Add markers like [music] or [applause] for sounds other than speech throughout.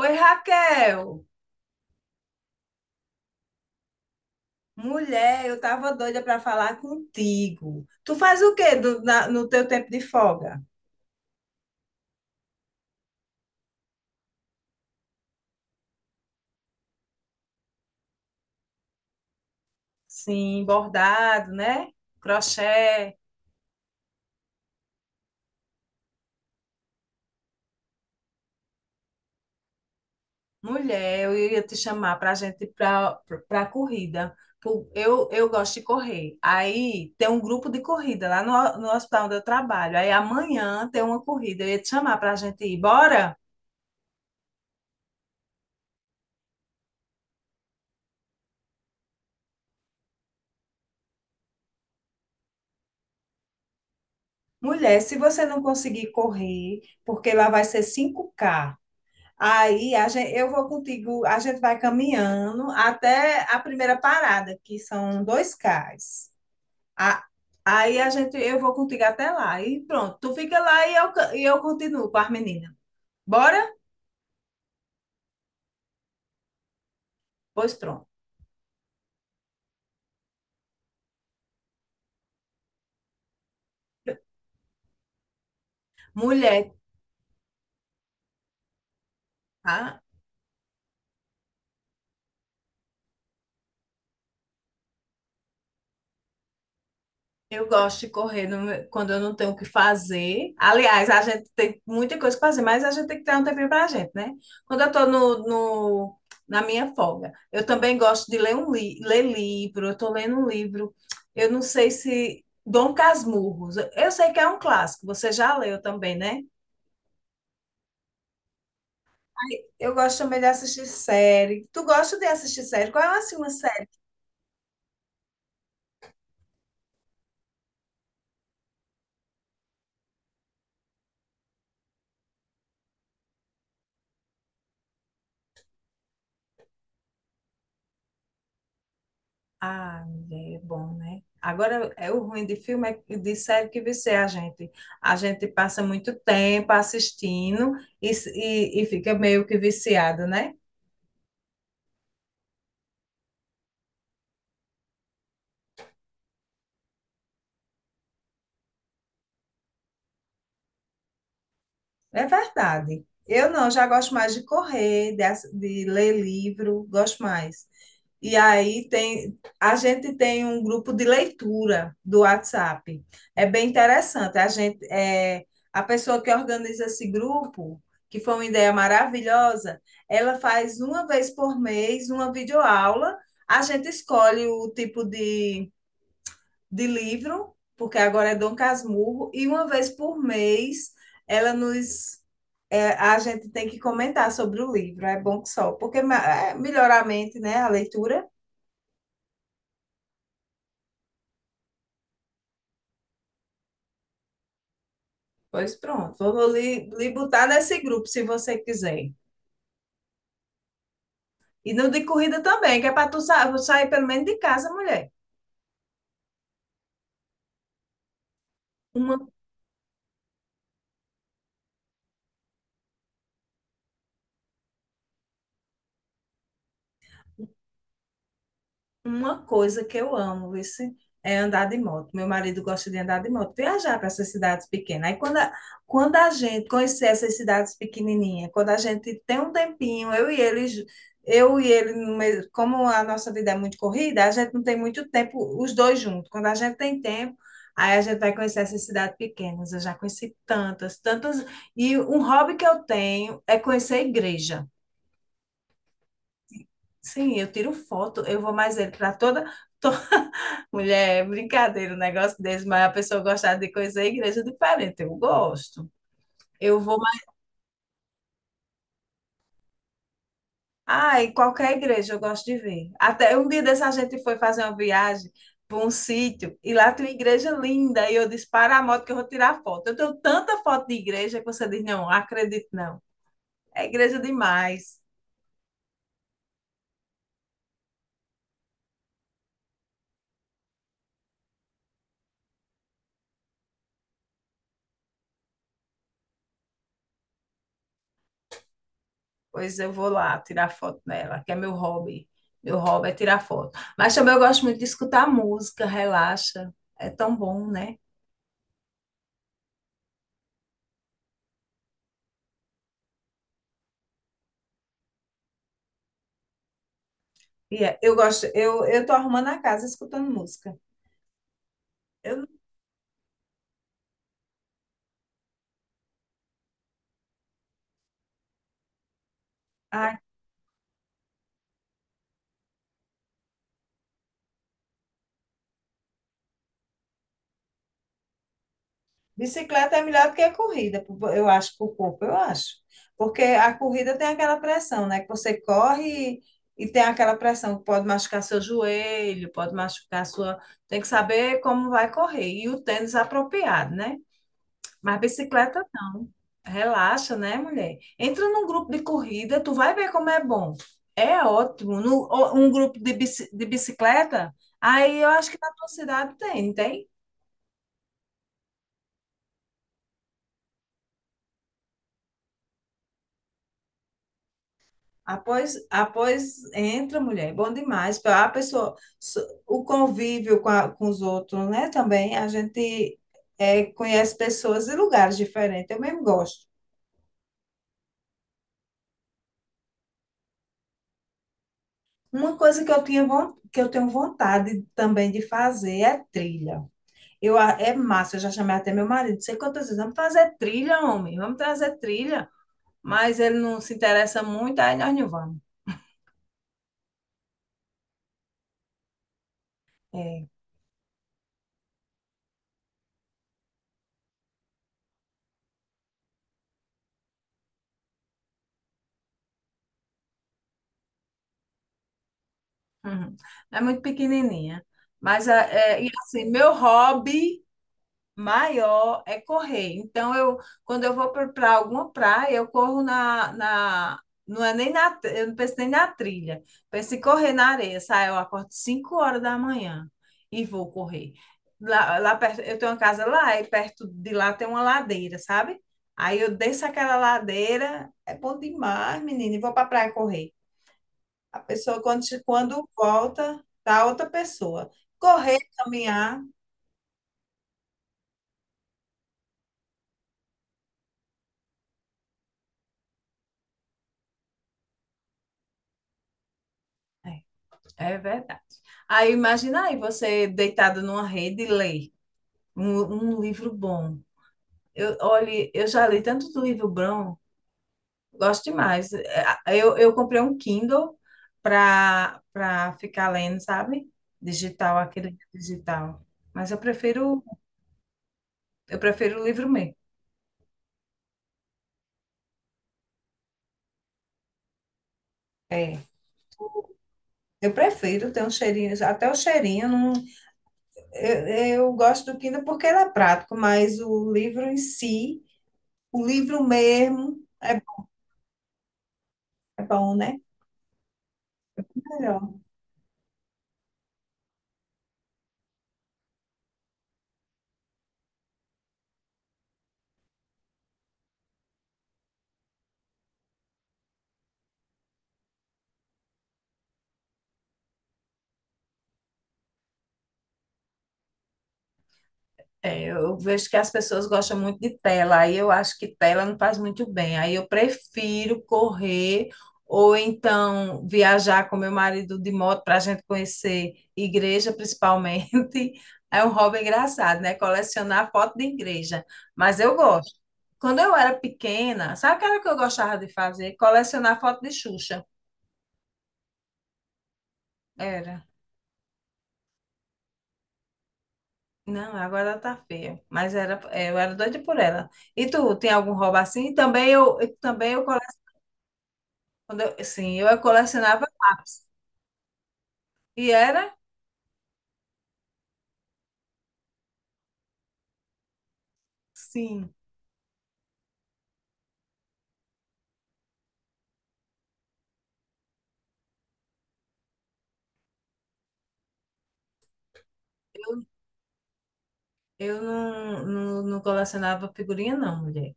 Oi, Raquel. Mulher, eu tava doida para falar contigo. Tu faz o quê no teu tempo de folga? Sim, bordado, né? Crochê. Mulher, eu ia te chamar para a gente ir para a corrida. Pô, eu gosto de correr. Aí tem um grupo de corrida lá no hospital onde eu trabalho. Aí amanhã tem uma corrida. Eu ia te chamar para a gente ir. Bora? Mulher, se você não conseguir correr, porque lá vai ser 5K. Aí a gente, eu vou contigo, a gente vai caminhando até a primeira parada, que são 2K. A- Aí a gente, eu vou contigo até lá. E pronto, tu fica lá e e eu continuo com as meninas. Bora? Pois pronto. Mulher, tá? Eu gosto de correr quando eu não tenho o que fazer. Aliás, a gente tem muita coisa para fazer, mas a gente tem que ter um tempinho para a gente, né? Quando eu estou na minha folga, eu também gosto de ler um li ler livro. Eu estou lendo um livro, eu não sei se Dom Casmurros. Eu sei que é um clássico, você já leu também, né? Eu gosto também de assistir série. Tu gosta de assistir série? Qual é assim, uma série? Ah, é bom, né? Agora, é o ruim de filme, é, de série que vicia a gente. A gente passa muito tempo assistindo e fica meio que viciado, né? É verdade. Eu não, já gosto mais de correr, de ler livro, gosto mais. E aí tem, a gente tem um grupo de leitura do WhatsApp. É bem interessante. A gente, é, a pessoa que organiza esse grupo, que foi uma ideia maravilhosa, ela faz uma vez por mês uma videoaula. A gente escolhe o tipo de livro, porque agora é Dom Casmurro, e uma vez por mês ela nos é, a gente tem que comentar sobre o livro. É bom que só, porque é, melhora a mente, né? A leitura. Pois pronto, vou lhe botar nesse grupo se você quiser. E no de corrida também, que é para sair pelo menos de casa, mulher. Uma Uma coisa que eu amo, vice, é andar de moto. Meu marido gosta de andar de moto, viajar para essas cidades pequenas. Aí quando a gente conhecer essas cidades pequenininhas, quando a gente tem um tempinho, eu e ele, no mesmo- como a nossa vida é muito corrida, a gente não tem muito tempo, os dois juntos. Quando a gente tem tempo, aí a gente vai conhecer essas cidades pequenas. Eu já conheci tantas, tantas. E um hobby que eu tenho é conhecer a igreja. Sim, eu tiro foto, eu vou mais ele para toda. Mulher, é brincadeira, um negócio desse, mas a pessoa gostar de coisa é igreja é diferente. Eu gosto. Eu vou. Ai, qualquer igreja eu gosto de ver. Até um dia dessa gente foi fazer uma viagem para um sítio e lá tem uma igreja linda. E eu disse: para a moto que eu vou tirar foto. Eu tenho tanta foto de igreja que você diz: não, acredito não. É igreja demais. Pois eu vou lá tirar foto nela, que é meu hobby. Meu hobby é tirar foto. Mas também eu gosto muito de escutar música, relaxa. É tão bom, né? E é, eu gosto, eu tô arrumando a casa escutando música. Eu, a bicicleta é melhor do que a corrida, eu acho, para o corpo, eu acho. Porque a corrida tem aquela pressão, né? Que você corre e tem aquela pressão que pode machucar seu joelho, pode machucar sua. Tem que saber como vai correr. E o tênis apropriado, né? Mas bicicleta. Relaxa, né, mulher? Entra num grupo de corrida, tu vai ver como é bom. É ótimo. No, ó, um grupo de, de bicicleta, aí eu acho que na tua cidade tem, não tem? Após entra, mulher, é bom demais. A pessoa, o convívio com, com os outros, né? Também a gente é, conhece pessoas e lugares diferentes. Eu mesmo gosto. Uma coisa que eu tinha, que eu tenho vontade também de fazer é trilha. Eu, é massa, eu já chamei até meu marido, sei quantas vezes, vamos fazer trilha, homem, vamos trazer trilha. Mas ele não se interessa muito, aí nós não vamos. É, uhum. É muito pequenininha. Mas, é, e assim, meu hobby maior é correr. Então, eu, quando eu vou para alguma praia, eu corro na. Não é nem na. Eu não penso nem na trilha. Penso em correr na areia. Saio, eu acordo 5 horas da manhã e vou correr. Lá, lá perto, eu tenho uma casa lá e perto de lá tem uma ladeira, sabe? Aí eu desço aquela ladeira, é bom demais, menina, e vou para praia correr. A pessoa, quando volta, tá outra pessoa. Correr, caminhar. É verdade. Aí imagina aí você deitado numa rede e lê um livro bom. Eu, olhe, eu já li tanto do livro bom, gosto demais. É, eu comprei um Kindle para ficar lendo, sabe? Digital, aquele digital. Mas eu prefiro eu prefiro o livro mesmo. É. Eu prefiro ter um cheirinho, até o cheirinho. Não, eu, eu gosto do Kindle porque ele é prático, mas o livro em si, o livro mesmo, é, é bom, né? Melhor. É, eu vejo que as pessoas gostam muito de tela, aí eu acho que tela não faz muito bem. Aí eu prefiro correr ou então viajar com meu marido de moto para a gente conhecer igreja, principalmente. [laughs] É um hobby engraçado, né? Colecionar foto de igreja. Mas eu gosto. Quando eu era pequena, sabe o que era que eu gostava de fazer? Colecionar foto de Xuxa. Era. Não, agora ela tá feia. Mas era, é, eu era doida por ela. E tu, tem algum roubo assim? Também eu, também eu colecionava. Sim, eu colecionava lápis. E era? Sim. Eu, não colecionava figurinha, não, mulher.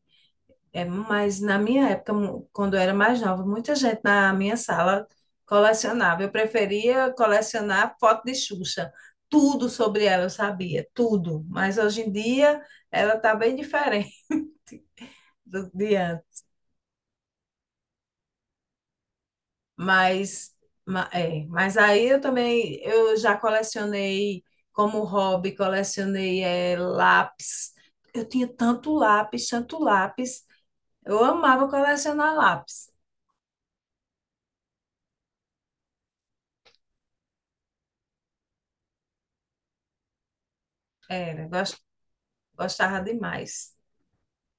É, mas na minha época, quando eu era mais nova, muita gente na minha sala colecionava. Eu preferia colecionar foto de Xuxa. Tudo sobre ela eu sabia, tudo. Mas hoje em dia ela tá bem diferente [laughs] de antes. Mas, é, mas aí eu também, eu já colecionei como hobby, colecionei é, lápis. Eu tinha tanto lápis, tanto lápis. Eu amava colecionar lápis. Era, gostava demais.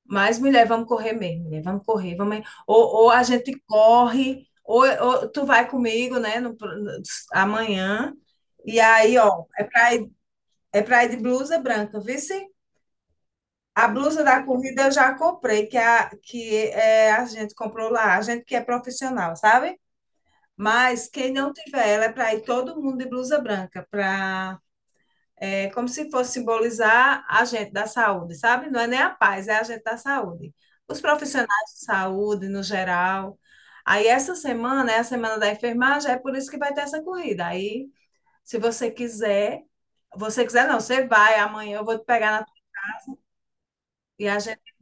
Mas, mulher, vamos correr mesmo, mulher, vamos correr, vamos... Ou, ou a gente corre, ou tu vai comigo, né, amanhã. E aí, ó, é pra ir de blusa branca, viu? A blusa da corrida eu já comprei, que é, a gente comprou lá, a gente que é profissional, sabe? Mas quem não tiver ela é para ir todo mundo de blusa branca, para é, como se fosse simbolizar a gente da saúde, sabe? Não é nem a paz, é a gente da saúde. Os profissionais de saúde, no geral. Aí essa semana é a semana da enfermagem, é por isso que vai ter essa corrida. Aí, se você quiser, você quiser não, você vai amanhã, eu vou te pegar na, e a gente.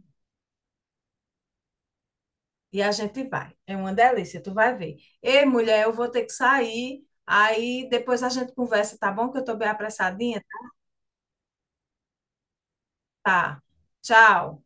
E a gente vai. É uma delícia, tu vai ver. Ei, mulher, eu vou ter que sair. Aí depois a gente conversa, tá bom? Que eu tô bem apressadinha? Tá. Tchau.